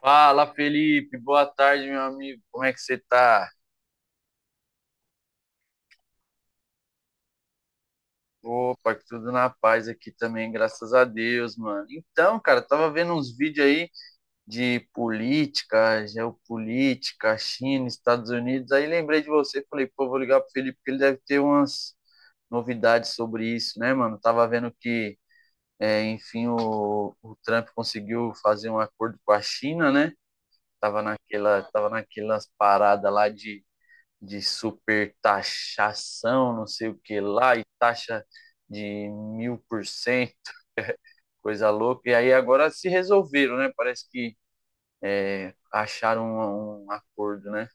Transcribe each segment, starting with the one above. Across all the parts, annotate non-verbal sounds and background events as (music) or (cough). Fala, Felipe. Boa tarde, meu amigo. Como é que você tá? Opa, que tudo na paz aqui também, graças a Deus, mano. Então, cara, eu tava vendo uns vídeos aí de política, geopolítica, China, Estados Unidos. Aí lembrei de você, falei, pô, vou ligar pro Felipe, porque ele deve ter umas novidades sobre isso, né, mano? Tava vendo que, enfim, o Trump conseguiu fazer um acordo com a China, né? Tava naquela, tava naquelas paradas lá de supertaxação, não sei o que lá, e taxa de mil por cento, coisa louca. E aí agora se resolveram, né? Parece que acharam um acordo, né?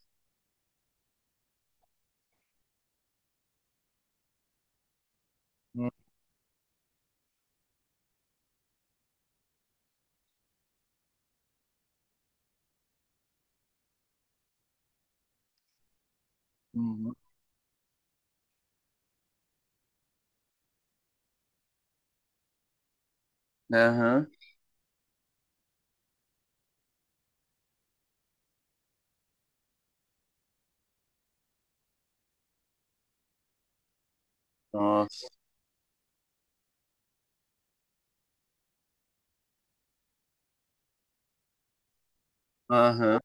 Uhum. Aham. Nossa. Aham.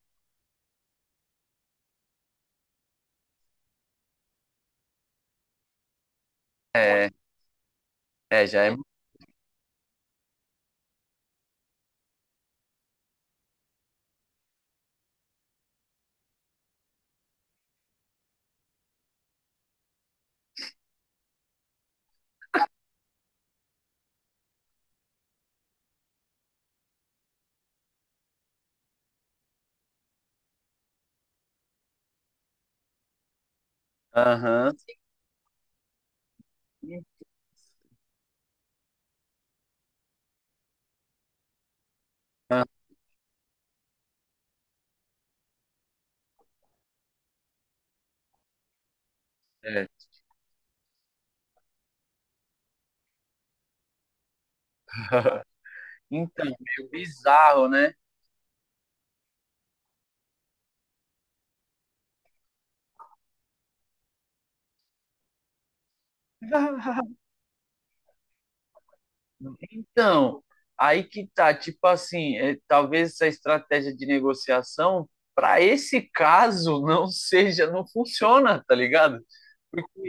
É, é, já é. Aham. Então, é. (laughs) Então, meio bizarro, né? (laughs) Então, aí que tá, tipo assim, talvez essa estratégia de negociação para esse caso (laughs) não seja, não funciona, tá ligado? Porque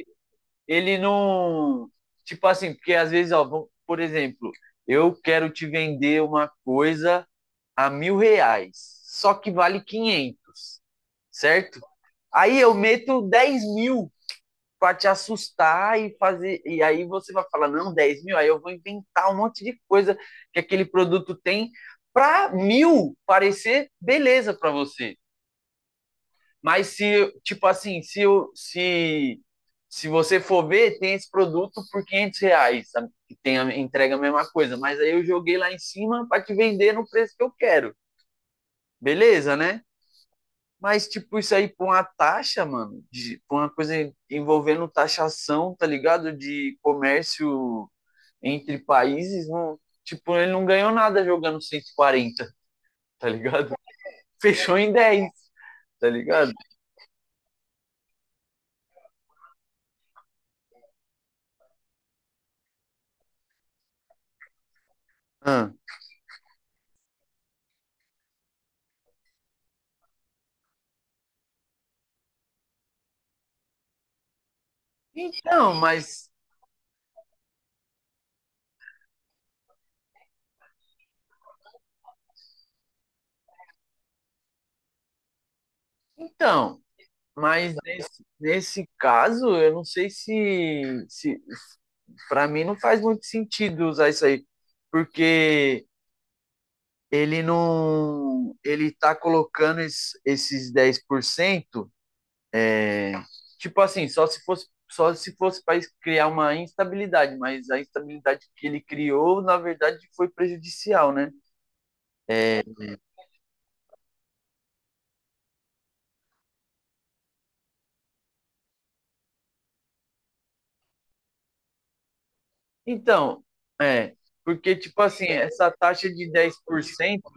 ele não, tipo assim, porque às vezes, ó, vamos- por exemplo, eu quero te vender uma coisa a mil reais, só que vale quinhentos, certo? Aí eu meto 10 mil para te assustar e fazer. E aí você vai falar, não, 10 mil, aí eu vou inventar um monte de coisa que aquele produto tem para mil parecer beleza para você. Mas se, tipo assim, se, eu, se você for ver, tem esse produto por 500 reais, sabe? Que tem a, entrega a mesma coisa, mas aí eu joguei lá em cima para te vender no preço que eu quero. Beleza, né? Mas, tipo, isso aí por uma taxa, mano, de, por uma coisa envolvendo taxação, tá ligado? De comércio entre países, não, tipo, ele não ganhou nada jogando 140, tá ligado? (laughs) Fechou em dez, tá ligado? Ah. Então, mas. Então, mas nesse caso, eu não sei se, se. Pra mim não faz muito sentido usar isso aí, porque ele não. Ele tá colocando es- esses dez por cento, tipo assim, só se fosse. Só se fosse para criar uma instabilidade, mas a instabilidade que ele criou, na verdade, foi prejudicial, né? Então, é, porque, tipo assim, essa taxa de dez por cento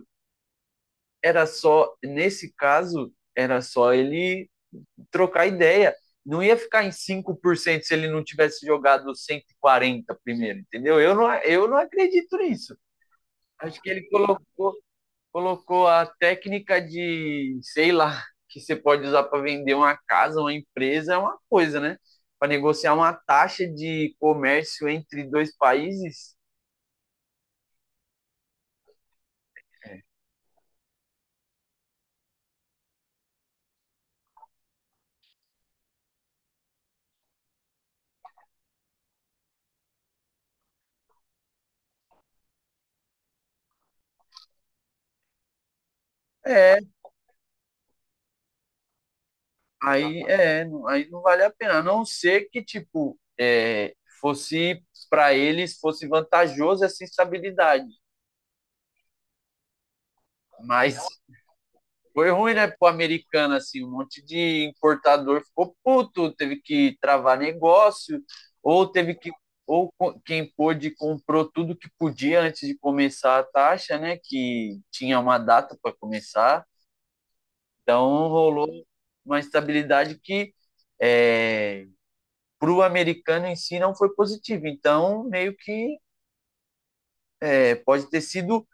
era só, nesse caso, era só ele trocar ideia. Não ia ficar em 5% se ele não tivesse jogado 140 primeiro, entendeu? Eu não acredito nisso. Acho que ele colocou, colocou a técnica de, sei lá, que você pode usar para vender uma casa, uma empresa, é uma coisa, né? Para negociar uma taxa de comércio entre dois países, é, aí é, não- aí não vale a pena. A não ser que, tipo, fosse para eles, fosse vantajoso essa estabilidade. Mas foi ruim, né, pro americano, assim, um monte de importador ficou puto, teve que travar negócio, ou teve que, ou co- quem pôde comprou tudo que podia antes de começar a taxa, né, que tinha uma data para começar, então rolou uma estabilidade que é, para o americano em si não foi positivo, então meio que pode ter sido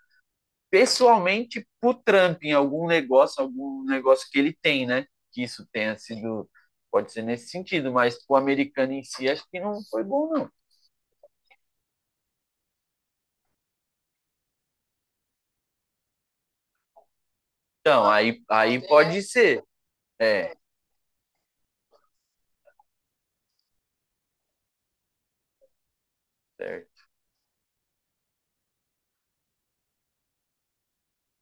pessoalmente pro Trump em algum negócio que ele tem, né? Que isso tenha sido, pode ser nesse sentido, mas pro americano em si acho que não foi bom, não. Então, aí pode ser. É, certo.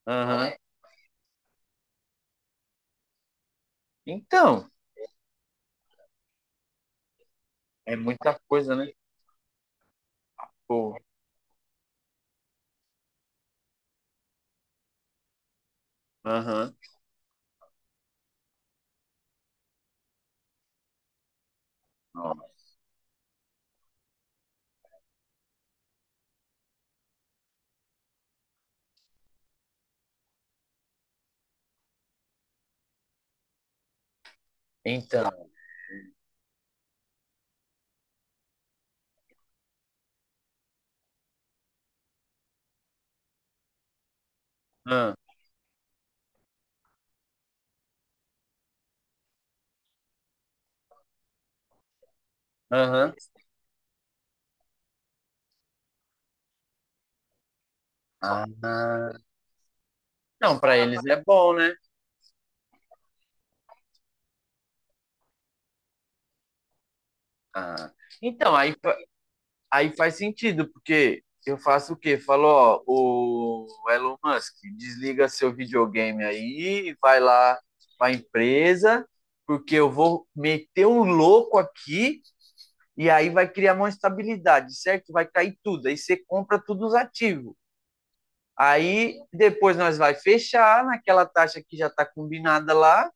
Aham. Então, é muita coisa, né? Pô, aham. Ó, então, ah, aham. Ah, não, para eles é bom, né? Ah. Então, aí. Aí faz sentido, porque eu faço o quê? Falo, ó, o Elon Musk, desliga seu videogame aí, vai lá para a empresa, porque eu vou meter um louco aqui e aí vai criar uma estabilidade, certo? Vai cair tudo, aí você compra todos os ativos. Aí depois nós vai fechar naquela taxa que já está combinada lá,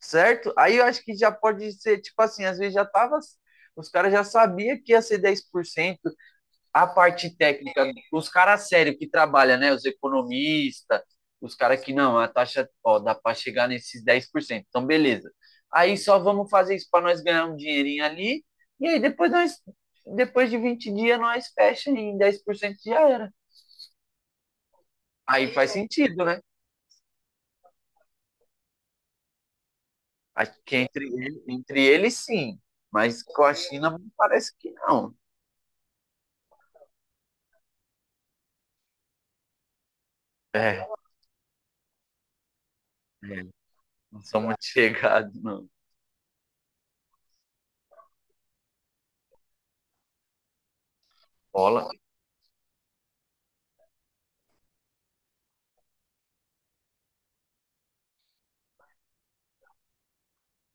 certo? Aí eu acho que já pode ser, tipo assim, às vezes já tava os caras já sabiam que ia ser 10% a parte técnica, os caras sérios que trabalham, né? Os economistas, os caras que não, a taxa, ó, dá para chegar nesses dez por cento. Então, beleza. Aí só vamos fazer isso para nós ganhar um dinheirinho ali. E aí depois nós, depois de 20 dias, nós fecha em 10% já era. Aí faz sentido, né? Acho que entre, ele- entre eles, sim. Mas com a China, parece que não. É, é, não são muito (laughs) chegados, não. Bola.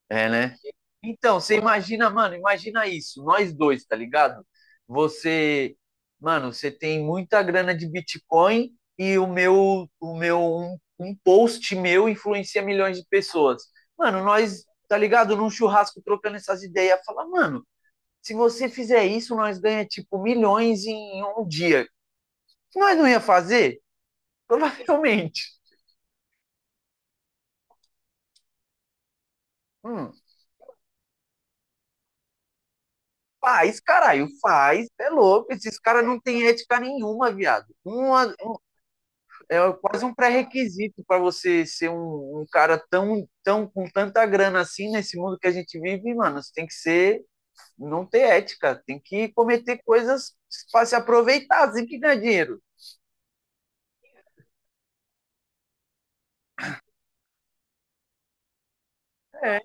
É, né? Então, você imagina, mano, imagina isso, nós dois, tá ligado? Você, mano, você tem muita grana de Bitcoin e o meu um post meu influencia milhões de pessoas. Mano, nós, tá ligado? Num churrasco trocando essas ideias, fala, mano, se você fizer isso, nós ganha tipo milhões em um dia. Nós não ia fazer? Provavelmente. Hum, faz, caralho, faz. É louco. Esses caras não têm ética nenhuma, viado. Uma, é quase um pré-requisito para você ser um cara tão, tão com tanta grana assim nesse mundo que a gente vive, mano. Você tem que ser, não ter ética, tem que cometer coisas para se aproveitar, assim que ganha dinheiro. É.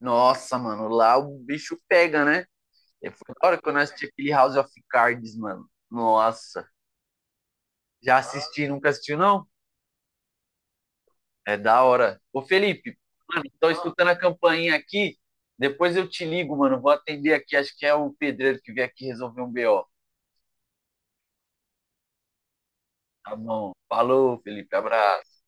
Nossa, mano, lá o bicho pega, né? E foi da hora que eu assisti aquele House of Cards, mano. Nossa, já assisti, nunca assistiu, não? É da hora. Ô, Felipe, mano, tô escutando a campainha aqui. Depois eu te ligo, mano. Vou atender aqui. Acho que é o pedreiro que veio aqui resolver um BO. Tá bom. Falou, Felipe. Abraço.